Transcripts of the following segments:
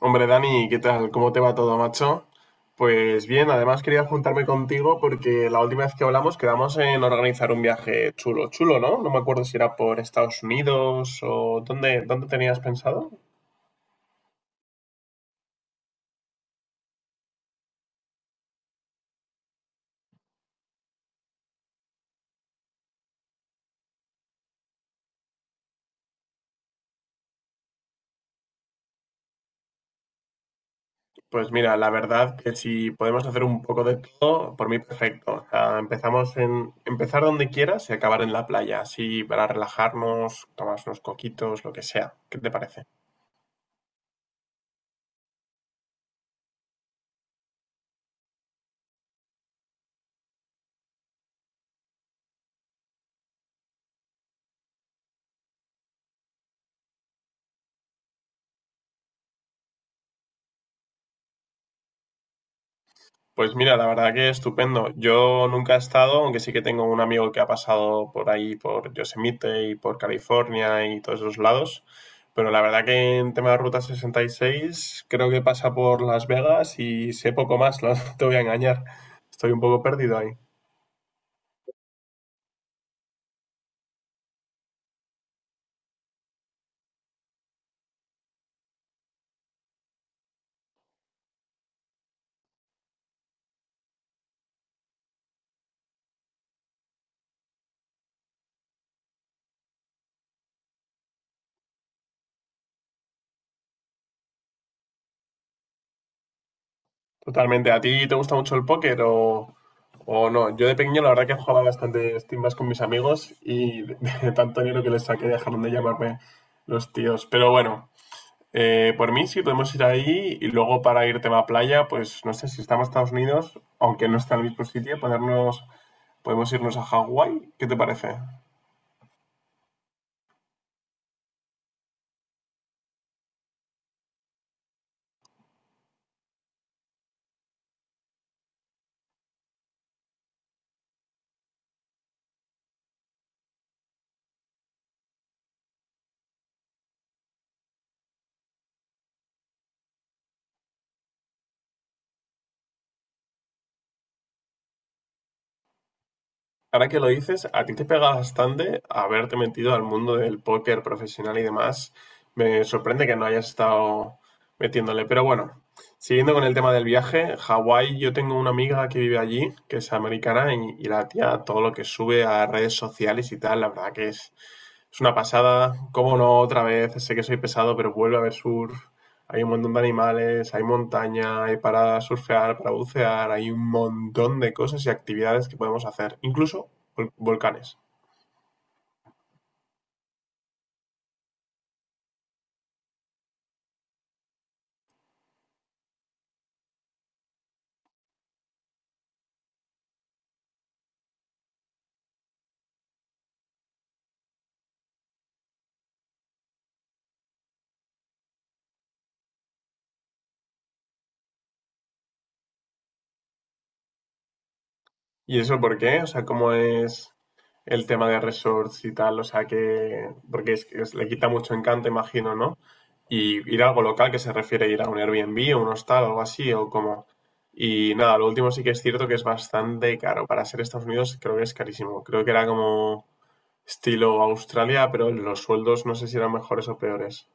Hombre, Dani, ¿qué tal? ¿Cómo te va todo, macho? Pues bien, además quería juntarme contigo porque la última vez que hablamos quedamos en organizar un viaje chulo, chulo, ¿no? No me acuerdo si era por Estados Unidos o dónde tenías pensado. Pues mira, la verdad que si podemos hacer un poco de todo, por mí perfecto. O sea, empezamos en empezar donde quieras y acabar en la playa, así para relajarnos, tomarnos unos coquitos, lo que sea. ¿Qué te parece? Pues mira, la verdad que estupendo. Yo nunca he estado, aunque sí que tengo un amigo que ha pasado por ahí, por Yosemite y por California y todos esos lados. Pero la verdad que en tema de Ruta 66 creo que pasa por Las Vegas y sé poco más, no te voy a engañar. Estoy un poco perdido ahí. Totalmente. ¿A ti te gusta mucho el póker o no? Yo de pequeño la verdad que jugaba bastante timbas con mis amigos y de tanto dinero que les saqué dejaron de llamarme los tíos. Pero bueno. Por mí sí podemos ir ahí y luego para ir tema playa, pues no sé si estamos en Estados Unidos, aunque no está en el mismo sitio, ponernos, podemos irnos a Hawái. ¿Qué te parece? Ahora que lo dices, a ti te pega bastante haberte metido al mundo del póker profesional y demás. Me sorprende que no hayas estado metiéndole. Pero bueno, siguiendo con el tema del viaje, Hawái, yo tengo una amiga que vive allí, que es americana, y la tía, todo lo que sube a redes sociales y tal, la verdad que es una pasada. Cómo no, otra vez, sé que soy pesado, pero vuelve a haber surf. Hay un montón de animales, hay montaña, hay para surfear, para bucear, hay un montón de cosas y actividades que podemos hacer, incluso volcanes. ¿Y eso por qué? O sea, ¿cómo es el tema de resorts y tal? O sea, que... Porque es- le quita mucho encanto, imagino, ¿no? Y ir a algo local, que se refiere a ir a un Airbnb o un hostal, algo así, o como... Y nada, lo último sí que es cierto que es bastante caro. Para ser Estados Unidos creo que es carísimo. Creo que era como estilo Australia, pero los sueldos no sé si eran mejores o peores.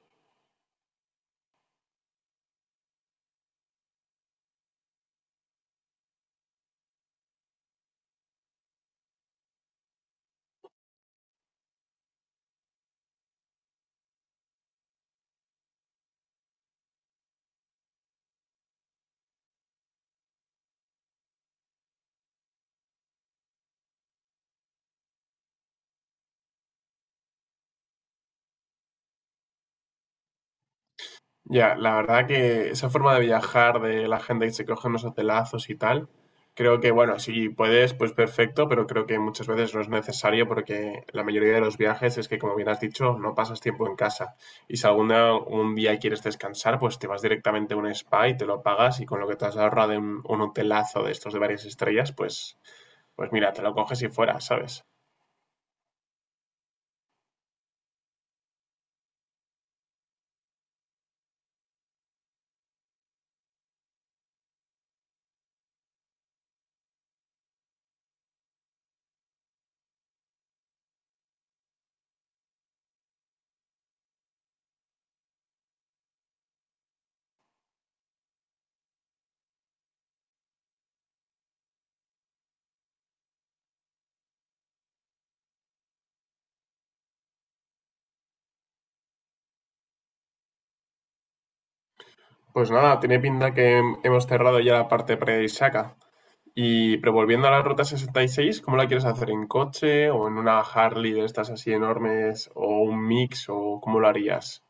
Ya, la verdad que esa forma de viajar de la gente que se coge unos hotelazos y tal, creo que, bueno, si puedes, pues perfecto, pero creo que muchas veces no es necesario porque la mayoría de los viajes es que, como bien has dicho, no pasas tiempo en casa. Y si algún día, un día quieres descansar, pues te vas directamente a un spa y te lo pagas y con lo que te has ahorrado en un hotelazo de estos de varias estrellas, pues mira, te lo coges y fuera, ¿sabes? Pues nada, tiene pinta que hemos cerrado ya la parte pre-Isaka. Y, pero volviendo a la Ruta 66, ¿cómo la quieres hacer? ¿En coche o en una Harley de estas así enormes o un mix o cómo lo harías?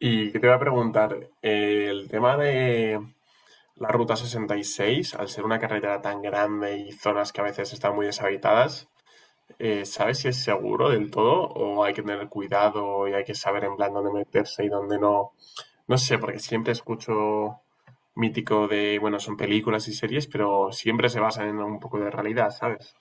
Y que te voy a preguntar, el tema de la Ruta 66, al ser una carretera tan grande y zonas que a veces están muy deshabitadas, ¿sabes si es seguro del todo o hay que tener cuidado y hay que saber en plan dónde meterse y dónde no? No sé, porque siempre escucho mítico de, bueno, son películas y series, pero siempre se basan en un poco de realidad, ¿sabes?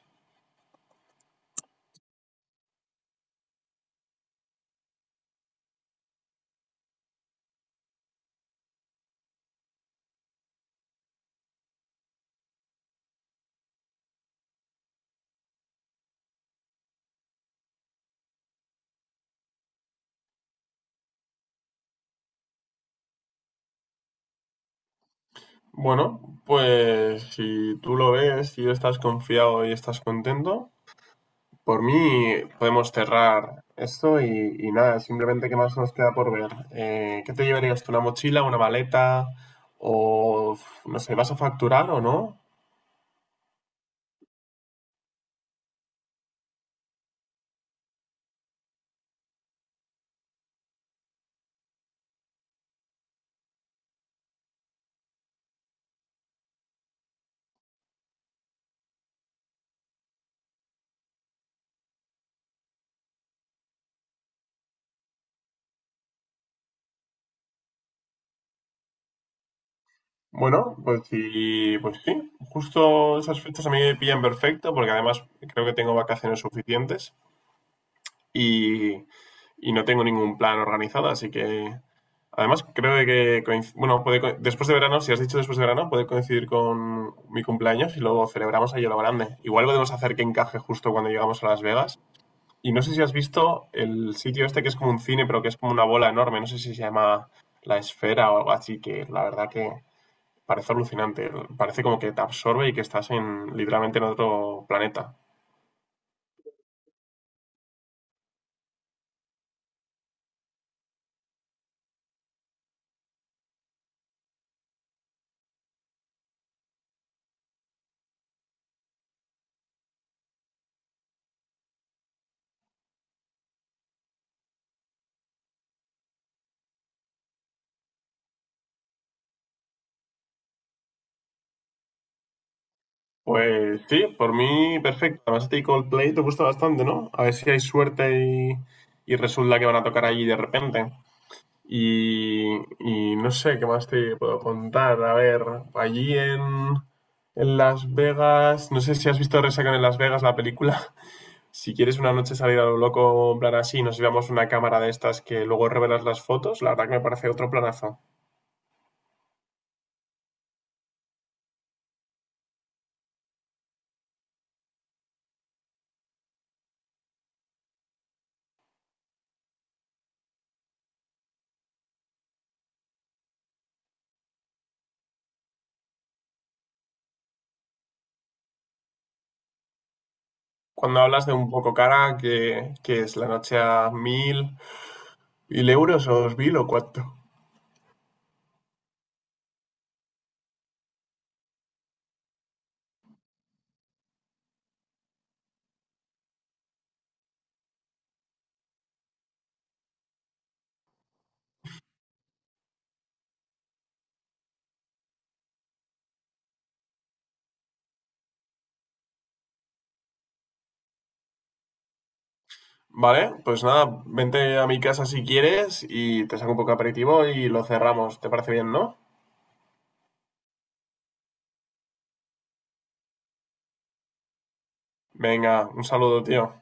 Bueno, pues si tú lo ves y estás confiado y estás contento, por mí podemos cerrar esto y nada, simplemente qué más nos queda por ver. ¿qué te llevarías tú? ¿Una mochila, una maleta? O no sé, ¿vas a facturar o no? Bueno, pues sí, pues sí. Justo esas fechas a mí me pillan perfecto porque además creo que tengo vacaciones suficientes y, y no tengo ningún plan organizado, así que además creo que bueno, puede después de verano, si has dicho después de verano, puede coincidir con mi cumpleaños y luego celebramos ahí a lo grande. Igual podemos hacer que encaje justo cuando llegamos a Las Vegas. Y no sé si has visto el sitio este que es como un cine, pero que es como una bola enorme, no sé si se llama La Esfera o algo así, que la verdad que parece alucinante, parece como que te absorbe y que estás en literalmente en otro planeta. Pues sí, por mí perfecto. Además, a ti Coldplay te gusta bastante, ¿no? A ver si hay suerte y resulta que van a tocar allí de repente. Y, y no sé qué más te puedo contar. A ver, allí en Las Vegas, no sé si has visto Resaca en Las Vegas la película. Si quieres una noche salir a lo loco, en plan así, nos llevamos una cámara de estas que luego revelas las fotos, la verdad que me parece otro planazo. Cuando hablas de un poco cara, que es la noche a 1.000. ¿Mil euros o 2.000 o cuánto? Vale, pues nada, vente a mi casa si quieres y te saco un poco de aperitivo y lo cerramos. ¿Te parece bien, no? Venga, un saludo, tío.